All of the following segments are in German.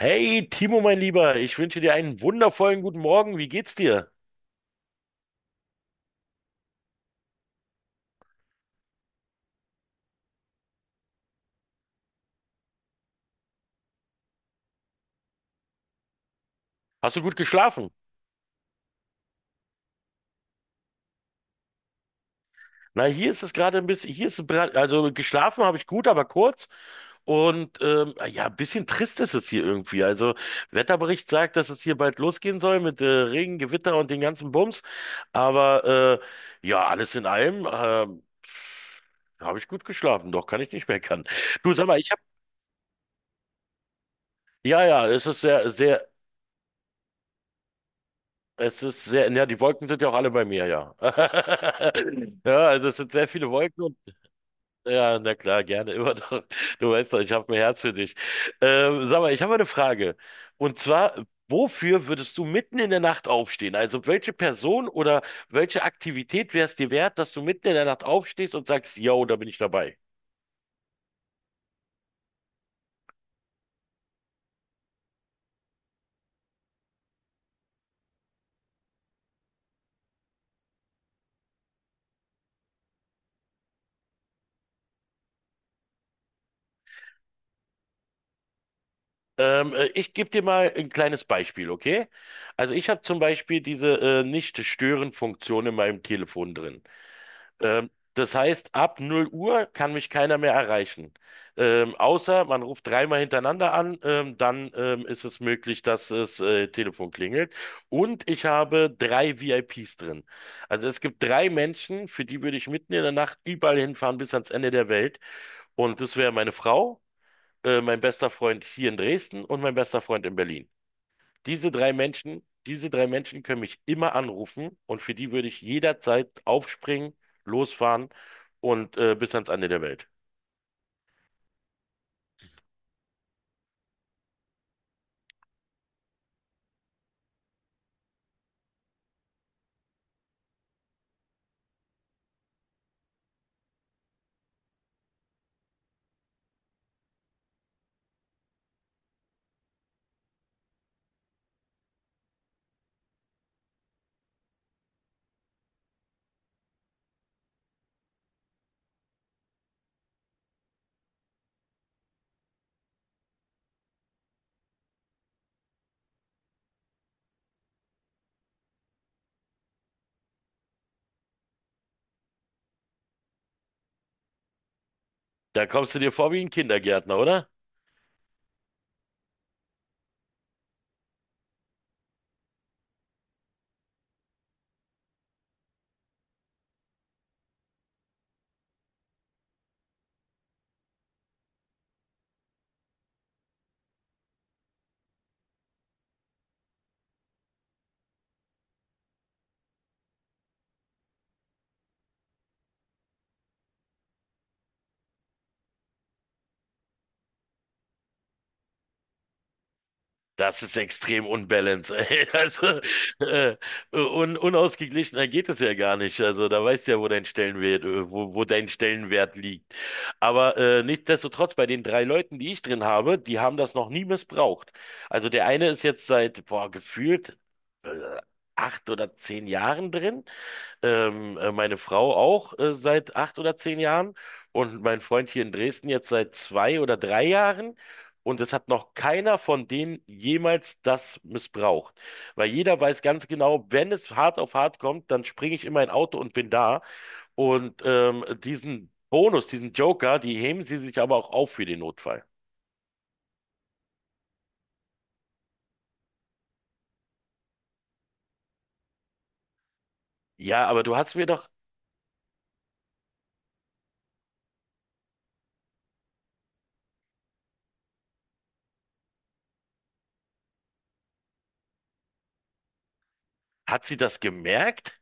Hey Timo, mein Lieber, ich wünsche dir einen wundervollen guten Morgen. Wie geht's dir? Hast du gut geschlafen? Na, hier ist es gerade ein bisschen, hier ist es, also geschlafen habe ich gut, aber kurz. Und ja, ein bisschen trist ist es hier irgendwie. Also Wetterbericht sagt, dass es hier bald losgehen soll mit Regen, Gewitter und den ganzen Bums. Aber ja, alles in allem habe ich gut geschlafen. Doch, kann ich nicht meckern. Du, sag mal, ja, ja, es ist sehr. Es ist sehr, ja, die Wolken sind ja auch alle bei mir, ja. Ja, also es sind sehr viele Wolken und ja, na klar, gerne immer doch. Du weißt doch, ich habe ein Herz für dich. Sag mal, ich habe mal eine Frage. Und zwar, wofür würdest du mitten in der Nacht aufstehen? Also welche Person oder welche Aktivität wäre es dir wert, dass du mitten in der Nacht aufstehst und sagst, yo, da bin ich dabei? Ich gebe dir mal ein kleines Beispiel, okay? Also ich habe zum Beispiel diese Nicht-Stören-Funktion in meinem Telefon drin. Das heißt, ab 0 Uhr kann mich keiner mehr erreichen. Außer man ruft dreimal hintereinander an, dann ist es möglich, dass das Telefon klingelt. Und ich habe drei VIPs drin. Also es gibt drei Menschen, für die würde ich mitten in der Nacht überall hinfahren bis ans Ende der Welt. Und das wäre meine Frau, mein bester Freund hier in Dresden und mein bester Freund in Berlin. Diese drei Menschen können mich immer anrufen und für die würde ich jederzeit aufspringen, losfahren und bis ans Ende der Welt. Da kommst du dir vor wie ein Kindergärtner, oder? Das ist extrem unbalanced, ey. Also, äh, un unausgeglichener geht es ja gar nicht. Also, da weißt du ja, wo dein Stellenwert liegt. Aber nichtsdestotrotz, bei den drei Leuten, die ich drin habe, die haben das noch nie missbraucht. Also, der eine ist jetzt seit, boah, gefühlt äh, acht oder zehn Jahren drin, meine Frau auch seit acht oder zehn Jahren und mein Freund hier in Dresden jetzt seit zwei oder drei Jahren. Und es hat noch keiner von denen jemals das missbraucht. Weil jeder weiß ganz genau, wenn es hart auf hart kommt, dann springe ich in mein Auto und bin da. Und diesen Bonus, diesen Joker, die heben sie sich aber auch auf für den Notfall. Ja, aber du hast mir doch, hat sie das gemerkt?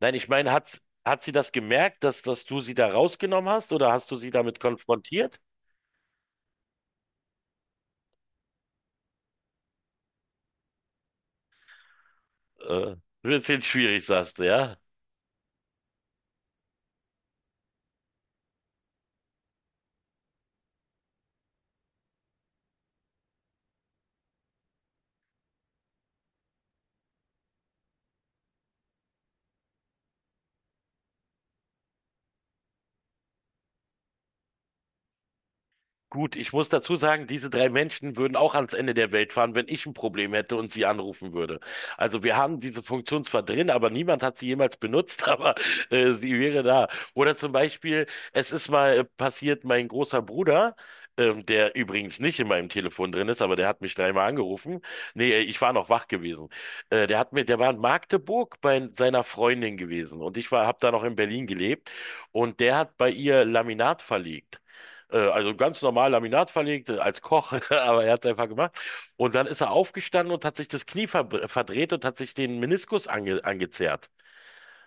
Nein, ich meine, hat sie das gemerkt, dass du sie da rausgenommen hast oder hast du sie damit konfrontiert? Äh, Wird jetzt schwierig, sagst du, ja? Gut, ich muss dazu sagen, diese drei Menschen würden auch ans Ende der Welt fahren, wenn ich ein Problem hätte und sie anrufen würde. Also wir haben diese Funktion zwar drin, aber niemand hat sie jemals benutzt, aber sie wäre da. Oder zum Beispiel, es ist mal passiert, mein großer Bruder, der übrigens nicht in meinem Telefon drin ist, aber der hat mich dreimal angerufen. Nee, ich war noch wach gewesen. Der war in Magdeburg bei seiner Freundin gewesen und habe da noch in Berlin gelebt und der hat bei ihr Laminat verlegt. Also ganz normal Laminat verlegt, als Koch, aber er hat es einfach gemacht. Und dann ist er aufgestanden und hat sich das Knie verdreht und hat sich den Meniskus angezerrt.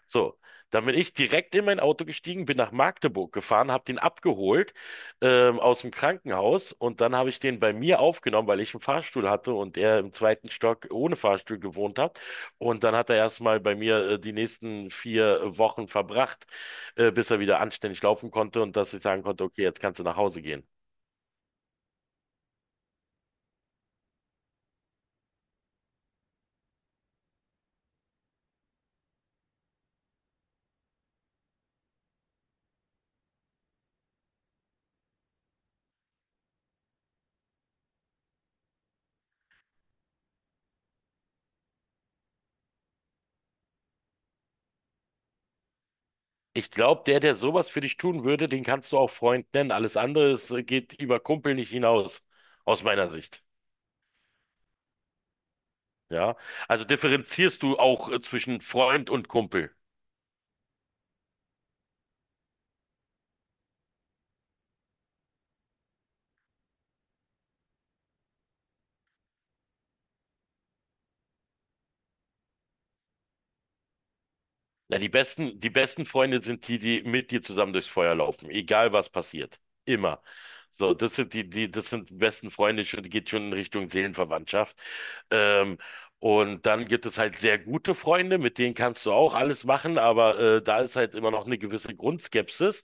So, dann bin ich direkt in mein Auto gestiegen, bin nach Magdeburg gefahren, habe den abgeholt, aus dem Krankenhaus, und dann habe ich den bei mir aufgenommen, weil ich einen Fahrstuhl hatte und er im zweiten Stock ohne Fahrstuhl gewohnt hat. Und dann hat er erstmal bei mir die nächsten vier Wochen verbracht, bis er wieder anständig laufen konnte und dass ich sagen konnte, okay, jetzt kannst du nach Hause gehen. Ich glaube, der sowas für dich tun würde, den kannst du auch Freund nennen. Alles andere ist, geht über Kumpel nicht hinaus, aus meiner Sicht. Ja, also differenzierst du auch zwischen Freund und Kumpel. Ja, die besten Freunde sind die, die mit dir zusammen durchs Feuer laufen, egal was passiert. Immer. So, das sind das sind die besten Freunde, schon, geht schon in Richtung Seelenverwandtschaft. Ähm, und dann gibt es halt sehr gute Freunde, mit denen kannst du auch alles machen, aber da ist halt immer noch eine gewisse Grundskepsis.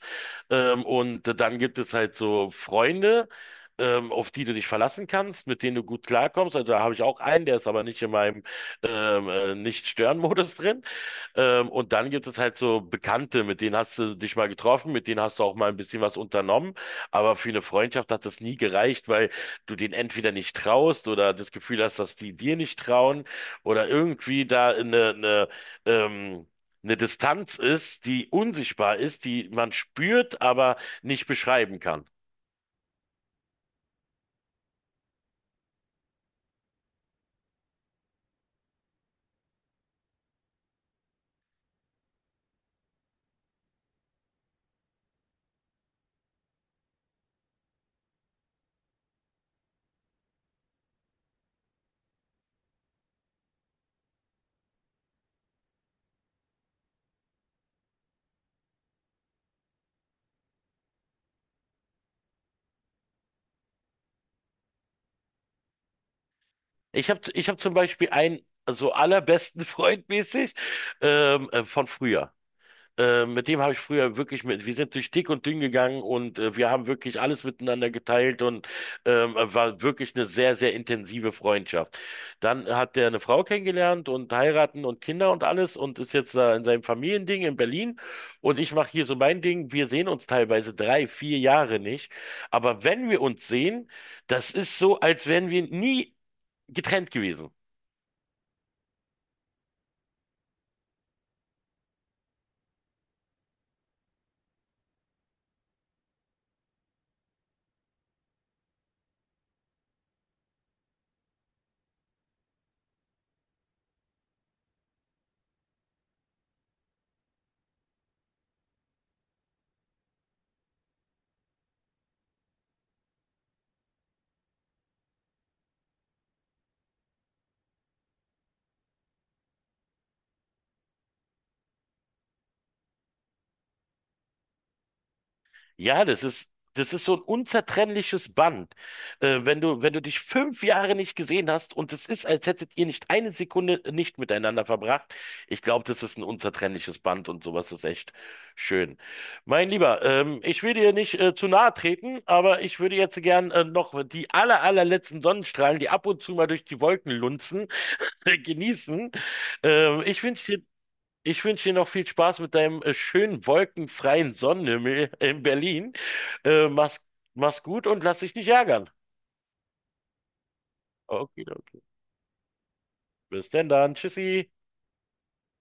Und dann gibt es halt so Freunde, auf die du dich verlassen kannst, mit denen du gut klarkommst. Also da habe ich auch einen, der ist aber nicht in meinem Nicht-Stören-Modus drin. Und dann gibt es halt so Bekannte, mit denen hast du dich mal getroffen, mit denen hast du auch mal ein bisschen was unternommen. Aber für eine Freundschaft hat das nie gereicht, weil du denen entweder nicht traust oder das Gefühl hast, dass die dir nicht trauen oder irgendwie da ähm, eine Distanz ist, die unsichtbar ist, die man spürt, aber nicht beschreiben kann. Ich hab zum Beispiel einen so allerbesten Freund mäßig, von früher. Mit dem habe ich früher wirklich wir sind durch dick und dünn gegangen und wir haben wirklich alles miteinander geteilt und war wirklich eine sehr, sehr intensive Freundschaft. Dann hat der eine Frau kennengelernt und heiraten und Kinder und alles und ist jetzt da in seinem Familiending in Berlin und ich mache hier so mein Ding. Wir sehen uns teilweise drei, vier Jahre nicht, aber wenn wir uns sehen, das ist so, als wären wir nie getrennt gewesen. Ja, das ist so ein unzertrennliches Band. Wenn du dich fünf Jahre nicht gesehen hast und es ist, als hättet ihr nicht eine Sekunde nicht miteinander verbracht, ich glaube, das ist ein unzertrennliches Band und sowas ist echt schön. Mein Lieber, ich will dir nicht zu nahe treten, aber ich würde jetzt gern noch die allerletzten Sonnenstrahlen, die ab und zu mal durch die Wolken lunzen, genießen. Ähm, ich wünsche dir ich wünsche dir noch viel Spaß mit deinem schönen wolkenfreien Sonnenhimmel in Berlin. Äh, mach's, mach's gut und lass dich nicht ärgern. Okay, okay. Bis denn dann. Tschüssi.